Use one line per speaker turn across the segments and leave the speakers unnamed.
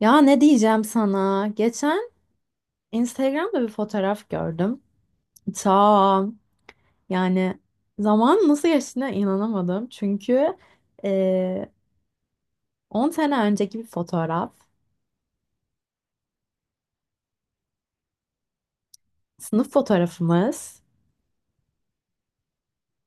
Ya ne diyeceğim sana? Geçen Instagram'da bir fotoğraf gördüm. Ta yani Zaman nasıl geçtiğine inanamadım. Çünkü e, 10 sene önceki bir fotoğraf. Sınıf fotoğrafımız.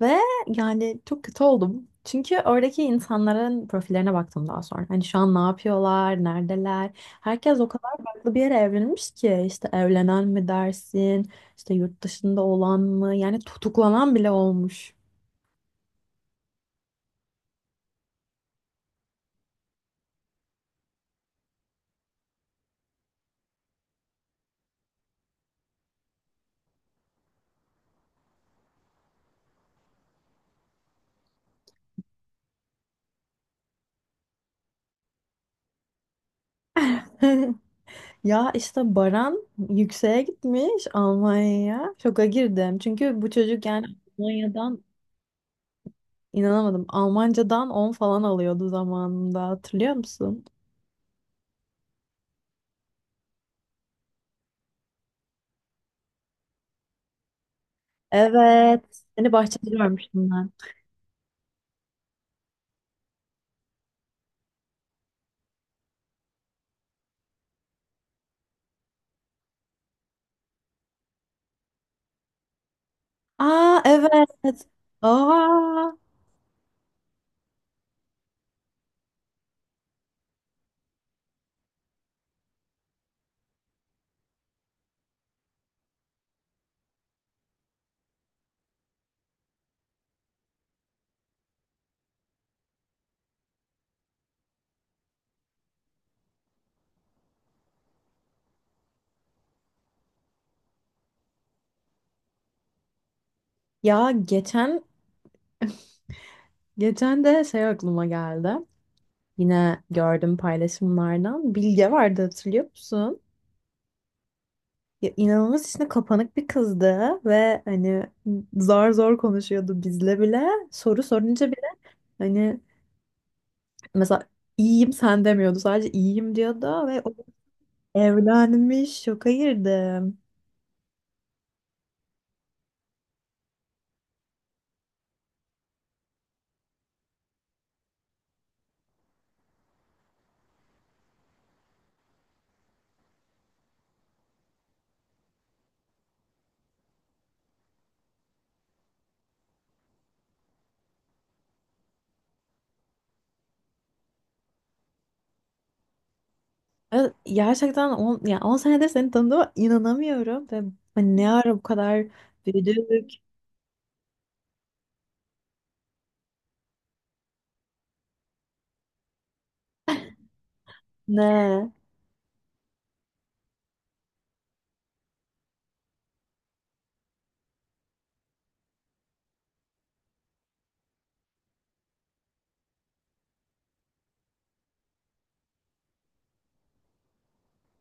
Ve yani Çok kötü oldum. Çünkü oradaki insanların profillerine baktım daha sonra. Hani şu an ne yapıyorlar, neredeler? Herkes o kadar farklı bir yere evlenmiş ki. İşte evlenen mi dersin, İşte yurt dışında olan mı? Yani tutuklanan bile olmuş. Ya işte Baran yükseğe gitmiş Almanya'ya. Şoka girdim. Çünkü bu çocuk yani Almanya'dan inanamadım. Almancadan 10 falan alıyordu zamanında. Hatırlıyor musun? Evet. Seni bahçede görmüştüm ben. Aa, evet. Aa. Ya geçen de şey aklıma geldi. Yine gördüm paylaşımlardan. Bilge vardı, hatırlıyor musun? Ya inanılmaz içine kapanık bir kızdı ve hani zar zor konuşuyordu bizle bile. Soru sorunca bile hani mesela iyiyim sen demiyordu. Sadece iyiyim diyordu ve o evlenmiş. Şoka girdim. Evet, gerçekten 10, ya 10 senedir seni tanıdığıma inanamıyorum ve hani ne ara bu kadar büyüdük. Ne.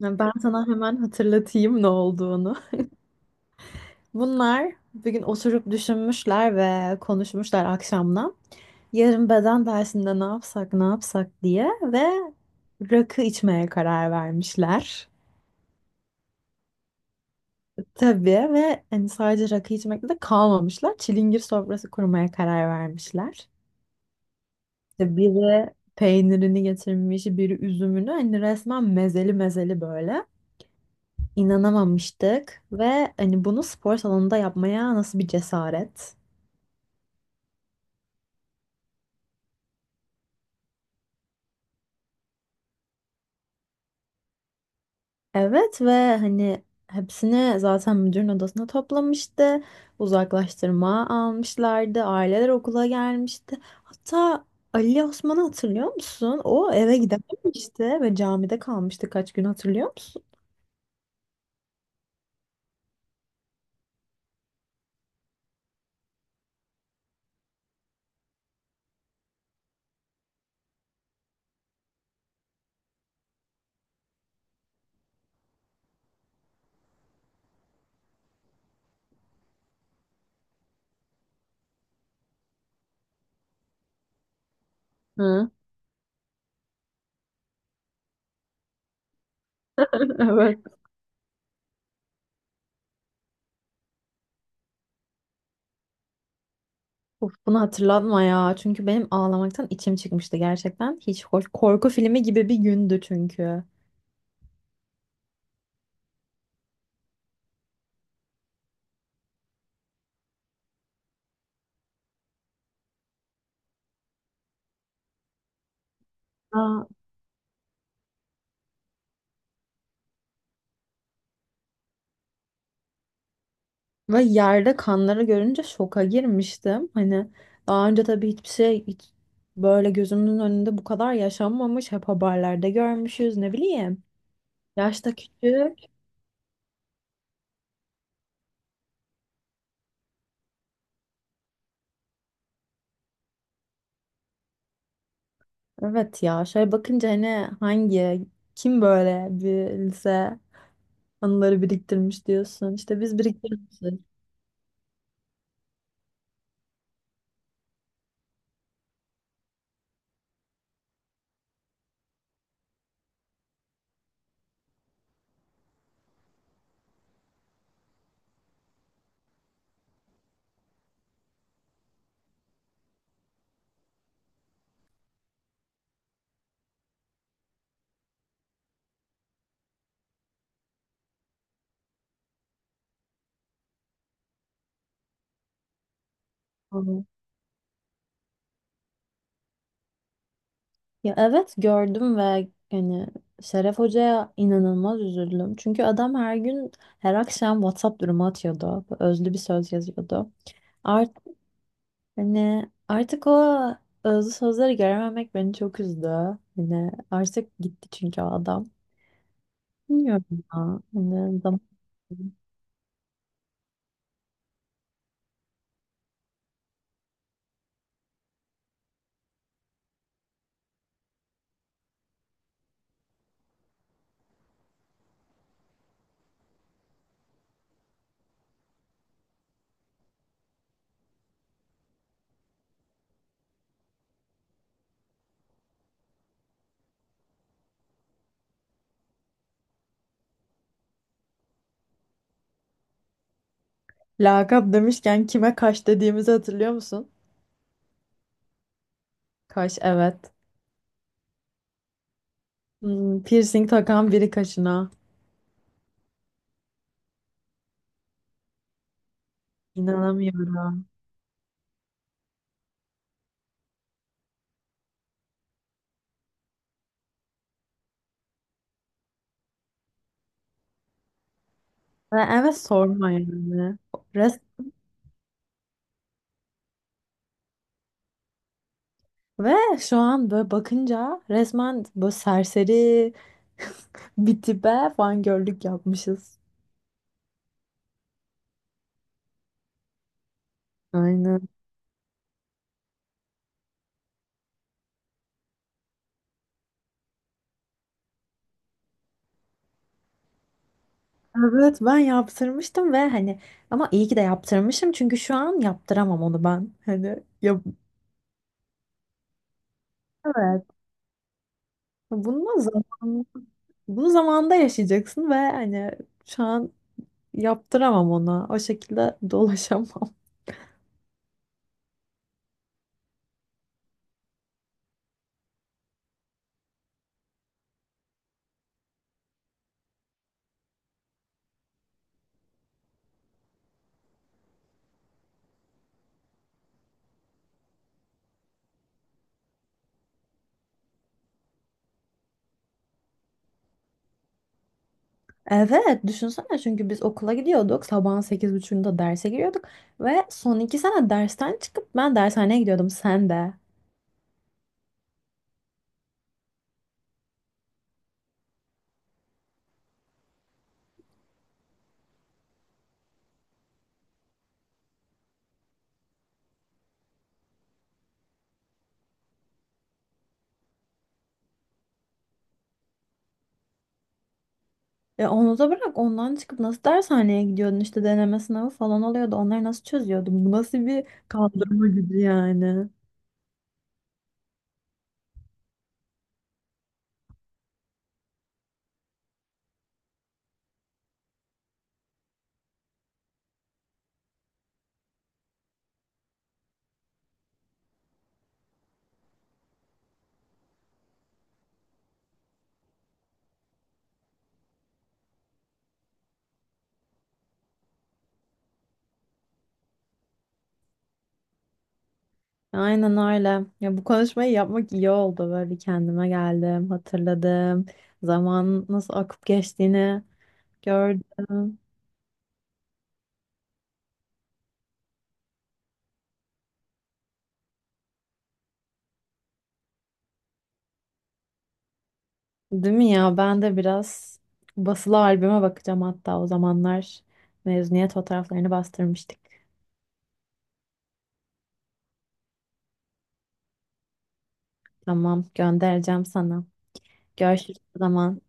Yani ben sana hemen hatırlatayım ne olduğunu. Bunlar bugün oturup düşünmüşler ve konuşmuşlar akşamdan. Yarın beden dersinde ne yapsak ne yapsak diye ve rakı içmeye karar vermişler. Tabii ve hani sadece rakı içmekle de kalmamışlar. Çilingir sofrası kurmaya karar vermişler. İşte biri peynirini getirmiş, biri üzümünü. Hani resmen mezeli mezeli böyle. İnanamamıştık ve hani bunu spor salonunda yapmaya nasıl bir cesaret? Evet ve hani hepsini zaten müdürün odasına toplamıştı. Uzaklaştırma almışlardı. Aileler okula gelmişti. Hatta Ali Osman'ı hatırlıyor musun? O eve gidememişti ve camide kalmıştı kaç gün, hatırlıyor musun? Hı, evet. Of, bunu hatırlatma ya. Çünkü benim ağlamaktan içim çıkmıştı gerçekten. Hiç hoş. Korku filmi gibi bir gündü çünkü. Aa, ve yerde kanları görünce şoka girmiştim. Hani daha önce tabii hiçbir şey hiç böyle gözümün önünde bu kadar yaşanmamış. Hep haberlerde görmüşüz, ne bileyim. Yaşta küçük. Evet, ya şöyle bakınca hani hangi kim böyle bir lise anıları biriktirmiş diyorsun. İşte biz biriktirmişiz. Ya evet, gördüm ve yani Şeref Hoca'ya inanılmaz üzüldüm. Çünkü adam her gün her akşam WhatsApp durumu atıyordu. Özlü bir söz yazıyordu. Art Hani artık o özlü sözleri görememek beni çok üzdü. Hani artık gitti çünkü o adam. Bilmiyorum ya. Hani zam-. Lakap demişken kime kaş dediğimizi hatırlıyor musun? Kaş, evet. Hmm, piercing takan biri kaşına. İnanamıyorum. Ve evet, sorma yani. Ve şu an böyle bakınca resmen böyle serseri bir tipe fangirllik yapmışız. Aynen. Evet, ben yaptırmıştım ve hani ama iyi ki de yaptırmışım çünkü şu an yaptıramam onu ben. Hani yap. Evet. Bunu zaman Bunu zamanda yaşayacaksın ve hani şu an yaptıramam ona. O şekilde dolaşamam. Evet, düşünsene çünkü biz okula gidiyorduk. Sabahın 8:30'da derse giriyorduk. Ve son iki sene dersten çıkıp ben dershaneye gidiyordum, sen de. E onu da bırak, ondan çıkıp nasıl dershaneye gidiyordun, işte deneme sınavı falan oluyordu. Onları nasıl çözüyordun? Bu nasıl bir kaldırma gücü yani? Aynen öyle. Ya bu konuşmayı yapmak iyi oldu. Böyle bir kendime geldim, hatırladım. Zaman nasıl akıp geçtiğini gördüm. Değil mi ya? Ben de biraz basılı albüme bakacağım, hatta o zamanlar mezuniyet fotoğraflarını bastırmıştık. Tamam, göndereceğim sana. Görüşürüz o zaman.